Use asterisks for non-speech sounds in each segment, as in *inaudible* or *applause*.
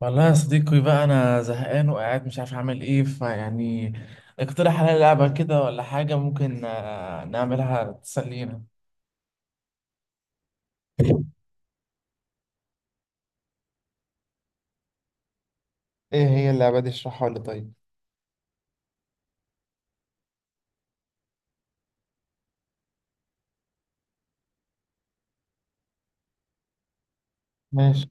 والله يا صديقي بقى انا زهقان وقاعد مش عارف اعمل ايه فيعني. اقترح عليا لعبة كده ولا حاجة ممكن نعملها تسلينا. ايه هي اللعبة دي؟ اشرحها لي طيب. ماشي.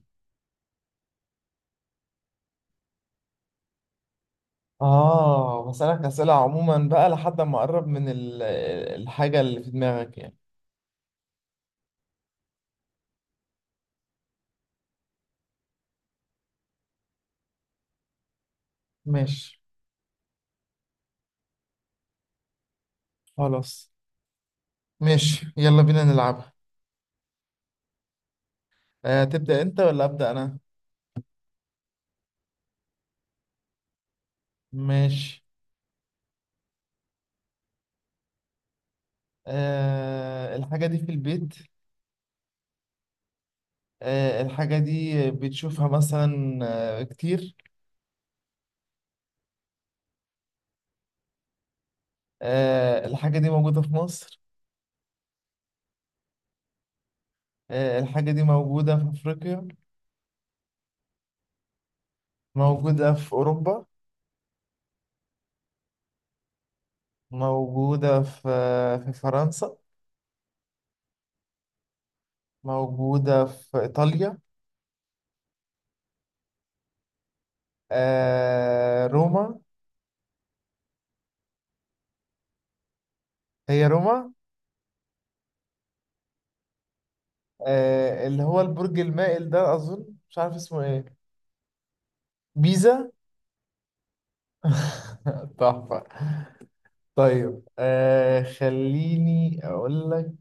اه بسألك أسئلة عموما بقى لحد ما اقرب من الحاجة اللي في دماغك يعني. ماشي. خلاص. ماشي، يلا بينا نلعبها. أه، تبدأ انت ولا أبدأ انا؟ ماشي. آه، الحاجة دي في البيت؟ آه، الحاجة دي بتشوفها مثلا كتير؟ آه، الحاجة دي موجودة في مصر؟ آه، الحاجة دي موجودة في أفريقيا؟ موجودة في أوروبا؟ موجودة في فرنسا؟ موجودة في إيطاليا؟ آه، روما. هي روما. آه، اللي هو البرج المائل ده، أظن مش عارف اسمه إيه. بيزا. *laughs* تحفة. طيب خليني أقول لك.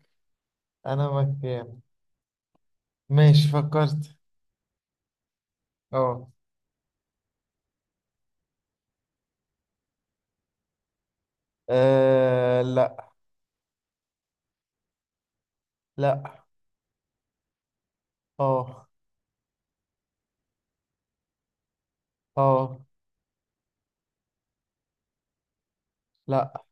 أنا مكان. ماشي، فكرت. أه. لا. لا. أه. أه. لا.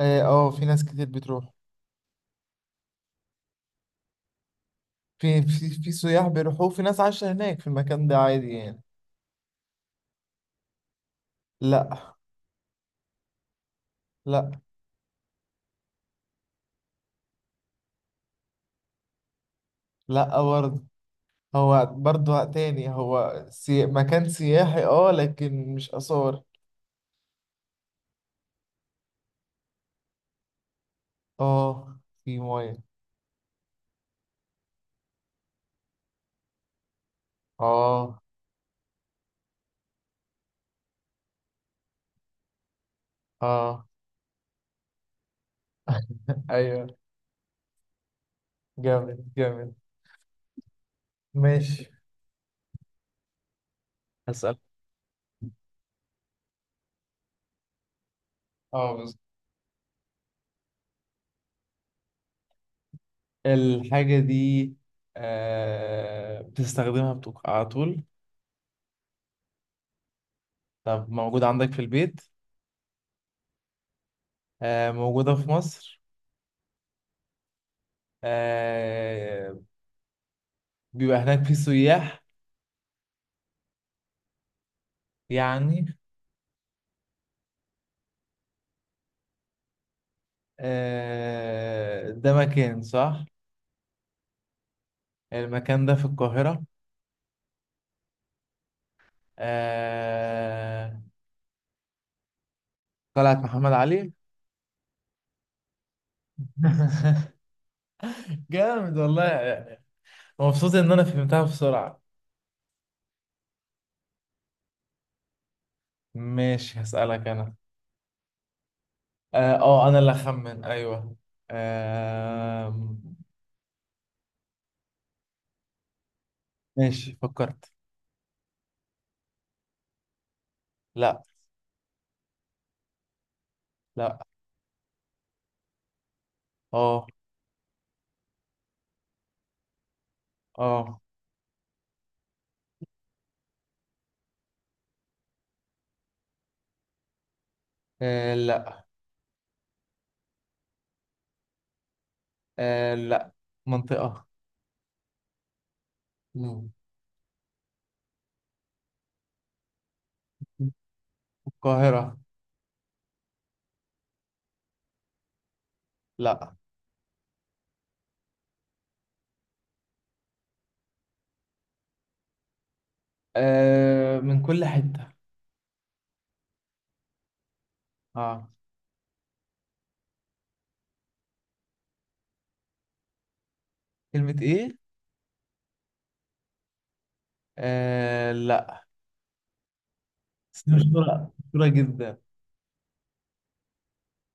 اه. آه، في ناس كتير بتروح. في سياح بيروحوا، في ناس عايشة هناك في المكان ده عادي يعني. لا. لا. لا برضه. هو برضه تاني، هو مكان سياحي، اه، لكن مش آثار. اه، في مية. اه. اه. *laughs* ايوه، جامد جامد. ماشي، هسأل. اه بس. الحاجة دي آه بتستخدمها على طول؟ طب موجودة عندك في البيت؟ آه، موجودة في مصر؟ آه، بيبقى هناك في سياح يعني؟ آه، ده مكان صح. المكان ده في القاهرة؟ آه، قلعة محمد علي. *laughs* جامد والله. مبسوط ان انا فهمتها بسرعة. ماشي، هسألك انا. اه انا اللي اخمن، ايوه. آه. ماشي، فكرت. لا. لا. اه. اه. آه، لا. آه لا، منطقة. مم. القاهرة. لا. آه، من كل حتة. اه. كلمة ايه؟ آه لا، بس دي مشهورة، مشهورة جدا.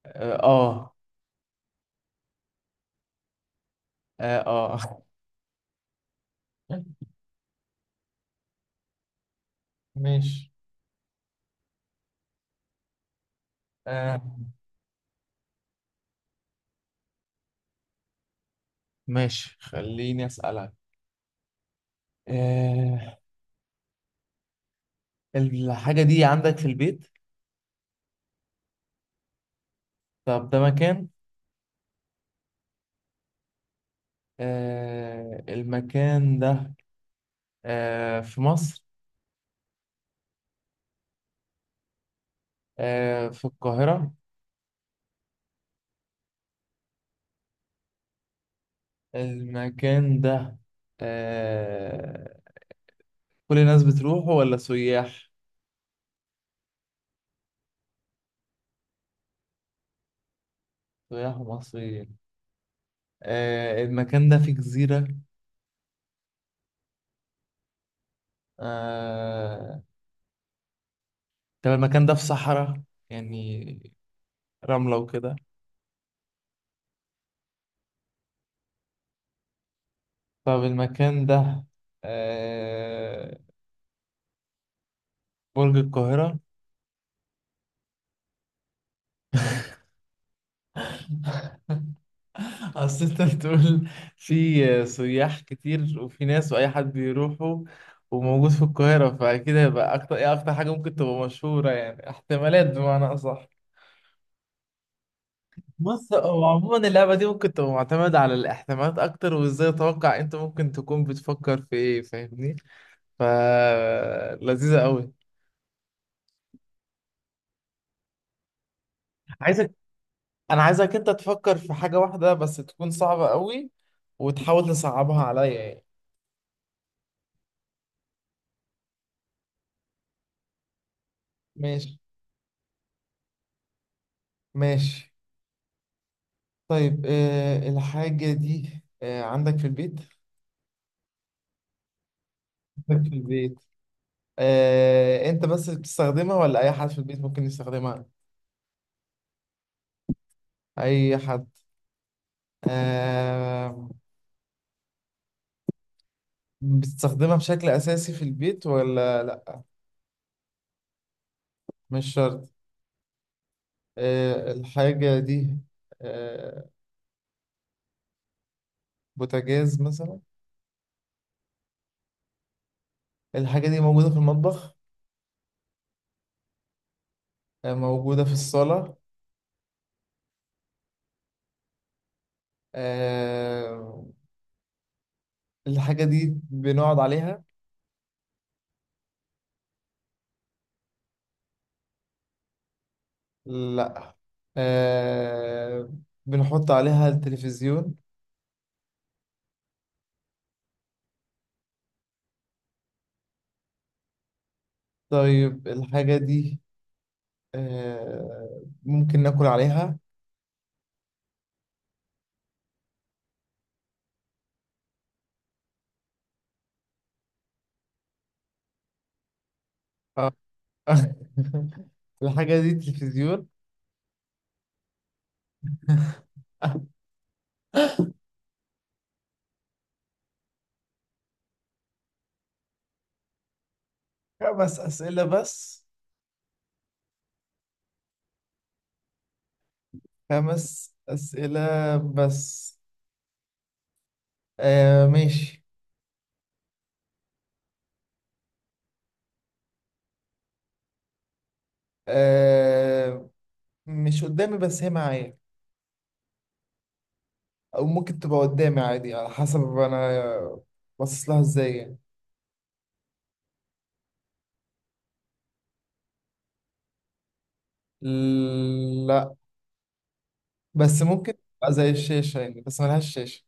اه اه. اه. آه. *laughs* ماشي. آه. ماشي، خليني اسألك. آه، الحاجة دي عندك في البيت؟ طب ده مكان؟ آه، المكان ده آه في مصر؟ آه في القاهرة؟ المكان ده آه كل الناس بتروحه ولا سياح؟ سياح ومصريين. آه، المكان ده في جزيرة؟ آه، طب المكان ده في صحراء يعني، رملة وكده؟ طب المكان ده آه، برج القاهرة. *laughs* أصل أنت بتقول في سياح كتير، وفي ناس وأي حد بيروحوا، وموجود في القاهرة، فأكيد هيبقى أكتر إيه، أكتر حاجة ممكن تبقى مشهورة يعني احتمالات، بمعنى أصح. بص، هو عموما اللعبة دي ممكن تبقى معتمدة على الاحتمالات أكتر، وإزاي أتوقع أنت ممكن تكون بتفكر في إيه، فاهمني؟ ف لذيذة قوي. عايزك انا عايزك انت تفكر في حاجة واحدة بس تكون صعبة قوي، وتحاول تصعبها عليا يعني. ماشي. ماشي. طيب، آه الحاجة دي آه عندك في البيت؟ عندك في البيت. آه، انت بس بتستخدمها ولا اي حد في البيت ممكن يستخدمها؟ اي حد. آه، بتستخدمها بشكل اساسي في البيت ولا لا؟ مش شرط. آه الحاجة دي آه، بوتاجاز مثلا؟ الحاجة دي موجودة في المطبخ؟ آه، موجودة في الصالة؟ آه، الحاجة دي بنقعد عليها؟ لا. آه، بنحط عليها التلفزيون؟ طيب الحاجة دي آه، ممكن ناكل عليها؟ آه. *laughs* الحاجة دي تلفزيون. 5 أسئلة بس؟ 5 أسئلة بس. آه ماشي. آه، مش قدامي بس هي معايا، او ممكن تبقى قدامي عادي على حسب انا باصص لها ازاي يعني. لا بس ممكن تبقى زي الشاشة يعني، بس ملهاش شاشة.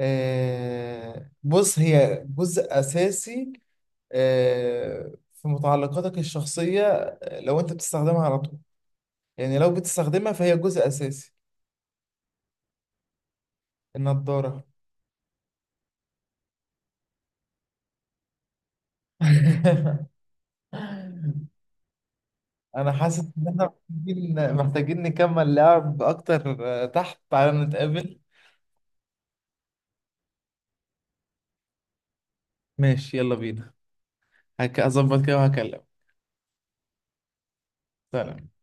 آه، بص هي جزء أساسي آه، في متعلقاتك الشخصية. آه، لو أنت بتستخدمها على طول، يعني لو بتستخدمها فهي جزء أساسي. النضارة. *laughs* أنا حاسس إن إحنا محتاجين، نكمل لعب أكتر. آه، تحت تعالى نتقابل. ماشي يلا بينا. هك اظبط كده وهكلمك. سلام.